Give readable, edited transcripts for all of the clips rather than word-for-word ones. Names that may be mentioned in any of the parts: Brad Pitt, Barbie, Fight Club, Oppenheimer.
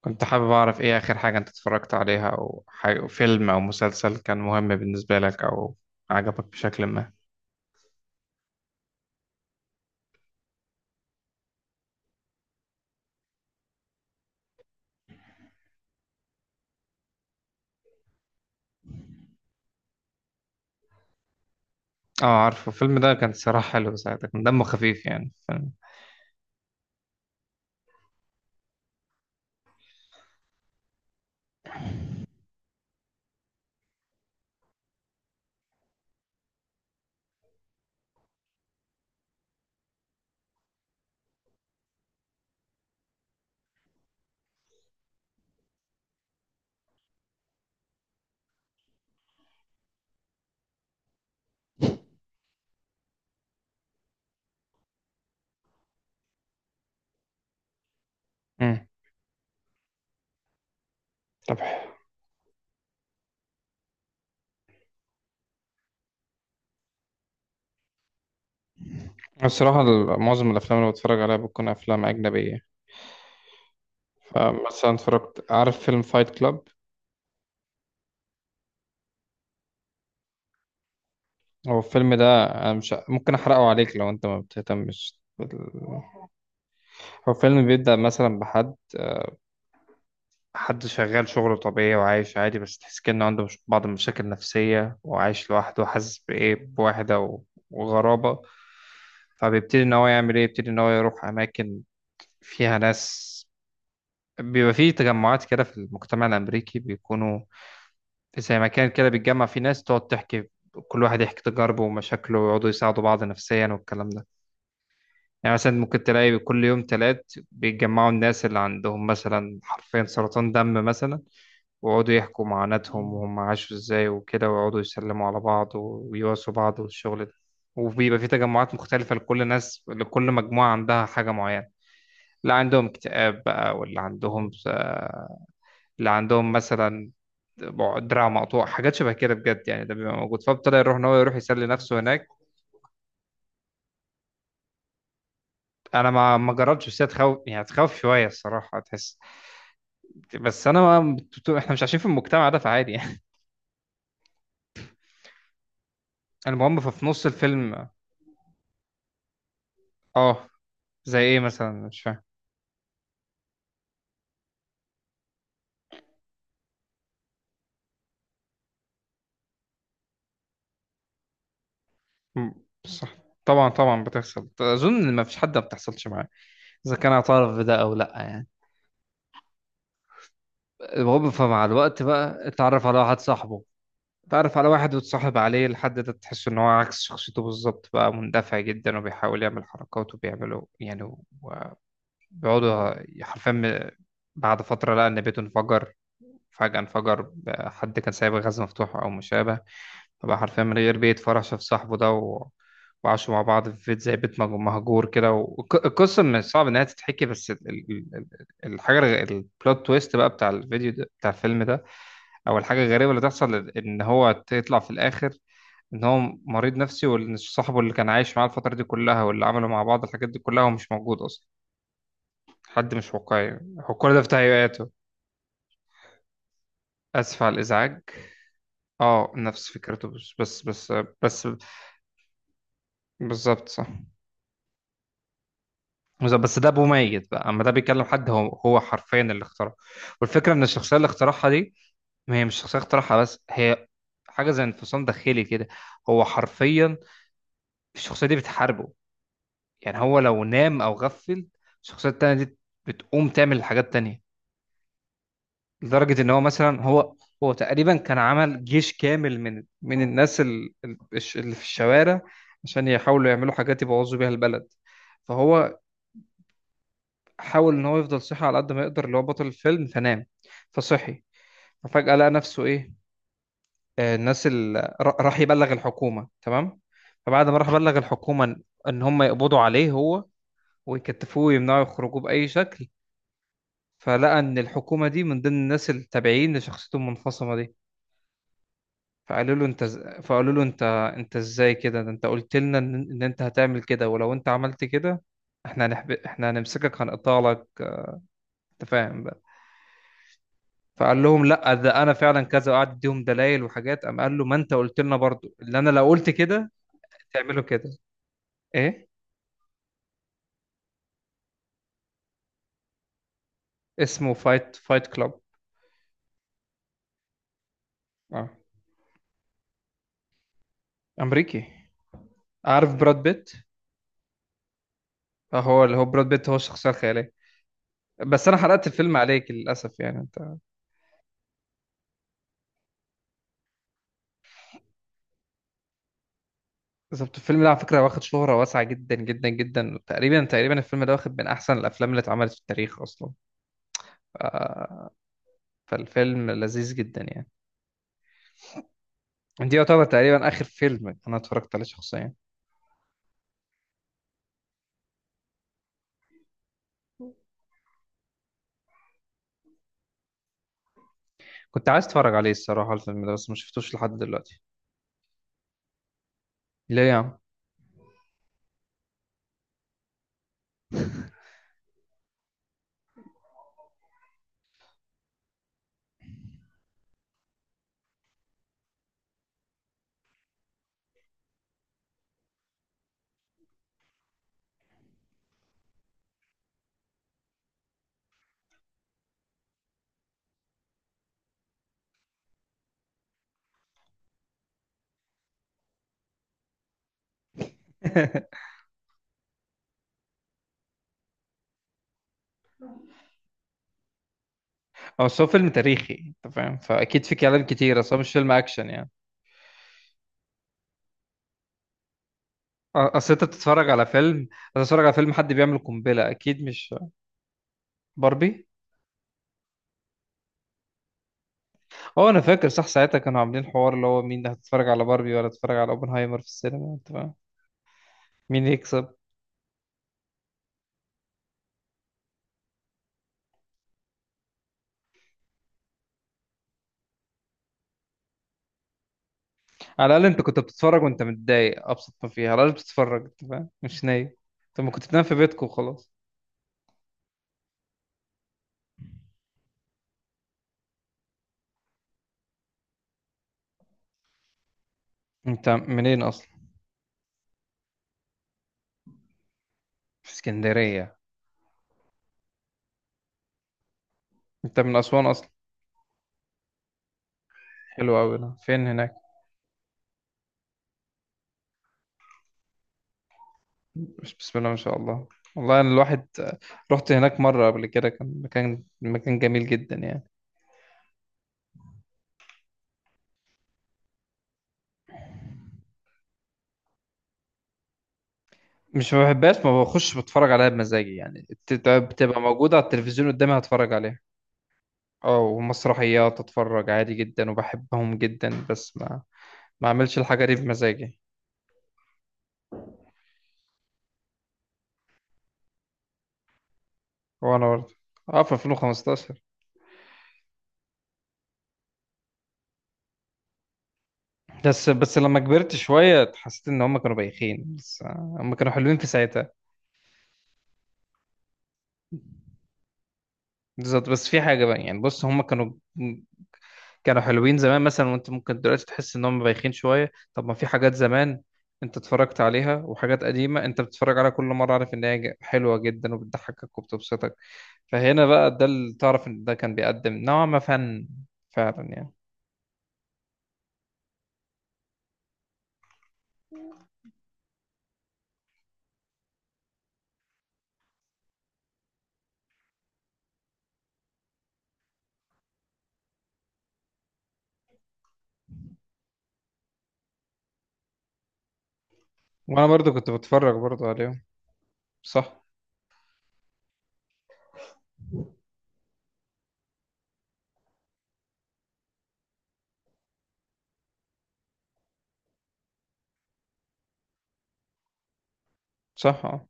كنت حابب أعرف إيه آخر حاجة أنت اتفرجت عليها، أو حاجة فيلم أو مسلسل كان مهم بالنسبة لك أو عجبك بشكل ما. أه، عارفه الفيلم ده، كان صراحة حلو ساعتها، كان دمه خفيف، يعني فاهم. مم. طب الصراحة معظم الأفلام اللي بتفرج عليها بتكون أفلام أجنبية. فمثلا اتفرجت، عارف فيلم فايت كلاب؟ هو الفيلم ده أنا مش ممكن أحرقه عليك لو أنت ما بتهتمش هو فيلم بيبدأ مثلا بحد شغال شغله طبيعي وعايش عادي، بس تحس كأنه عنده بعض المشاكل النفسية، وعايش لوحده وحاسس بإيه، بوحدة وغرابة. فبيبتدي إن هو يعمل إيه، يبتدي إن هو يروح أماكن فيها ناس. بيبقى فيه تجمعات كده في المجتمع الأمريكي، بيكونوا زي مكان كده بيتجمع فيه ناس تقعد تحكي، كل واحد يحكي تجاربه ومشاكله، ويقعدوا يساعدوا بعض نفسيا والكلام ده. يعني مثلا ممكن تلاقي كل يوم تلات بيتجمعوا الناس اللي عندهم مثلا حرفيا سرطان دم مثلا، ويقعدوا يحكوا معاناتهم وهم عاشوا ازاي وكده، ويقعدوا يسلموا على بعض ويواسوا بعض والشغل ده. وبيبقى في تجمعات مختلفة لكل ناس، لكل مجموعة عندها حاجة معينة. اللي عندهم اكتئاب بقى، واللي عندهم، اللي عندهم مثلا دراع مقطوع، حاجات شبه كده بجد، يعني ده بيبقى موجود. فابتدى يروح، ان هو يروح يسلي نفسه هناك. انا ما جربتش، بس هي تخوف، يعني هتخوف شويه الصراحه تحس. بس انا ما بت- احنا مش عايشين في المجتمع ده، فعادي يعني. المهم ففي نص الفيلم، اه. زي ايه مثلا، مش فاهم. مم. صح. طبعا طبعا بتحصل، اظن ما فيش حد ما بتحصلش معاه، اذا كان اعترف بده او لا يعني. هو فمع الوقت بقى اتعرف على واحد صاحبه، اتعرف على واحد وتصاحب عليه لحد ده، تحس ان هو عكس شخصيته بالظبط، بقى مندفع جدا وبيحاول يعمل حركات، وبيعملوا يعني بيقعدوا حرفيا. بعد فترة لقى ان بيته انفجر، فجأة انفجر، حد كان سايب غاز مفتوح أو مشابه. فبقى حرفيا من غير بيت، فرح شاف صاحبه ده وعاشوا مع بعض في بيت زي بيت مهجور كده. والقصة من صعب إنها تتحكي، بس الحاجة البلوت تويست بقى بتاع الفيديو ده بتاع الفيلم ده، أو الحاجة الغريبة اللي تحصل، إن هو تطلع في الآخر إن هو مريض نفسي. وإن صاحبه اللي كان عايش معاه الفترة دي كلها واللي عملوا مع بعض الحاجات دي كلها، هو مش موجود أصلا، حد مش واقعي، هو كل ده في تهيؤاته. آسف على الإزعاج، اه نفس فكرته، بس بالظبط صح. بالظبط، بس ده ابو ميت بقى، اما ده بيكلم حد هو هو حرفيا اللي اخترعه. والفكره ان الشخصيه اللي اخترعها دي، ما هي مش شخصيه اخترعها، بس هي حاجه زي انفصام داخلي كده. هو حرفيا الشخصيه دي بتحاربه. يعني هو لو نام او غفل، الشخصيه التانيه دي بتقوم تعمل حاجات تانية. لدرجة ان هو مثلا، هو هو تقريبا كان عمل جيش كامل من الناس اللي في الشوارع، عشان يحاولوا يعملوا حاجات يبوظوا بيها البلد. فهو حاول ان هو يفضل صحي على قد ما يقدر، اللي هو بطل الفيلم. فنام فصحي، ففجأة لقى نفسه ايه، آه، الناس اللي راح يبلغ الحكومة، تمام. فبعد ما راح بلغ الحكومة ان إن هم يقبضوا عليه هو، ويكتفوه ويمنعوا يخرجوه بأي شكل، فلقى ان الحكومة دي من ضمن الناس التابعين لشخصيته المنفصمة دي. فقالوا له انت، انت ازاي كده، ده انت قلت لنا ان إن انت هتعمل كده، ولو انت عملت كده احنا هنمسكك، هنقطع لك، انت فاهم بقى. فقال لهم لا ده انا فعلا كذا، وقعد يديهم دلائل وحاجات، قام قال له ما انت قلت لنا برضو اللي انا لو قلت كده تعمله كده. ايه اسمه؟ فايت كلاب. اه امريكي. عارف براد بيت؟ اه، هو اللي هو براد بيت هو الشخصيه الخياليه. بس انا حرقت الفيلم عليك للاسف يعني انت. بالظبط، الفيلم ده على فكرة واخد شهرة واسعة جدا جدا جدا. تقريبا تقريبا الفيلم ده واخد من أحسن الأفلام اللي اتعملت في التاريخ أصلا. ف- فالفيلم لذيذ جدا يعني. دي يعتبر تقريبا آخر فيلم أنا اتفرجت عليه شخصيا. كنت عايز اتفرج عليه الصراحة الفيلم ده، بس ما شفتوش لحد دلوقتي. ليه يعني؟ هو أصل هو فيلم تاريخي، أنت فاهم، فأكيد في كلام كتير، أصل هو مش فيلم أكشن يعني. أصل أنت بتتفرج على فيلم، هتتفرج على فيلم حد بيعمل قنبلة، أكيد مش باربي. هو انا فاكر صح ساعتها كانوا عاملين حوار، اللي هو مين هتتفرج على باربي ولا تتفرج على اوبنهايمر في السينما، انت فاهم. مين يكسب. على الاقل انت كنت بتتفرج وانت متضايق، ابسط ما فيها على الاقل بتتفرج، انت فاهم، مش نايم. انت ما كنت بتنام في بيتك وخلاص. انت منين اصلا؟ في اسكندريه. انت من اسوان اصلا؟ حلو قوي، ده فين هناك. بسم الله ما شاء الله. والله انا الواحد رحت هناك مره قبل كده، كان مكان، مكان جميل جدا يعني. مش ما بحبهاش، ما بخش بتفرج عليها بمزاجي، يعني بتبقى موجوده على التلفزيون قدامي هتفرج عليها. اه ومسرحيات اتفرج عادي جدا وبحبهم جدا، بس ما، ما اعملش الحاجه دي بمزاجي. وانا برضه اه، في 2015. بس لما كبرت شويه حسيت ان هم كانوا بايخين، بس آه، هم كانوا حلوين في ساعتها. بالظبط، بس في حاجه بقى يعني، بص هم كانوا، كانوا حلوين زمان مثلا، وانت ممكن دلوقتي تحس انهم بايخين شويه. طب ما في حاجات زمان انت اتفرجت عليها، وحاجات قديمه انت بتتفرج عليها كل مره، عارف ان هي حلوه جدا وبتضحكك وبتبسطك. فهنا بقى ده اللي تعرف ان ده كان بيقدم نوعا ما فن، فعلا يعني. وانا برضو كنت بتفرج برضو عليهم. صح. صح اه،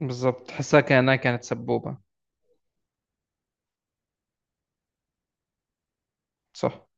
بالظبط، تحسها كانها كانت سبوبه. صح.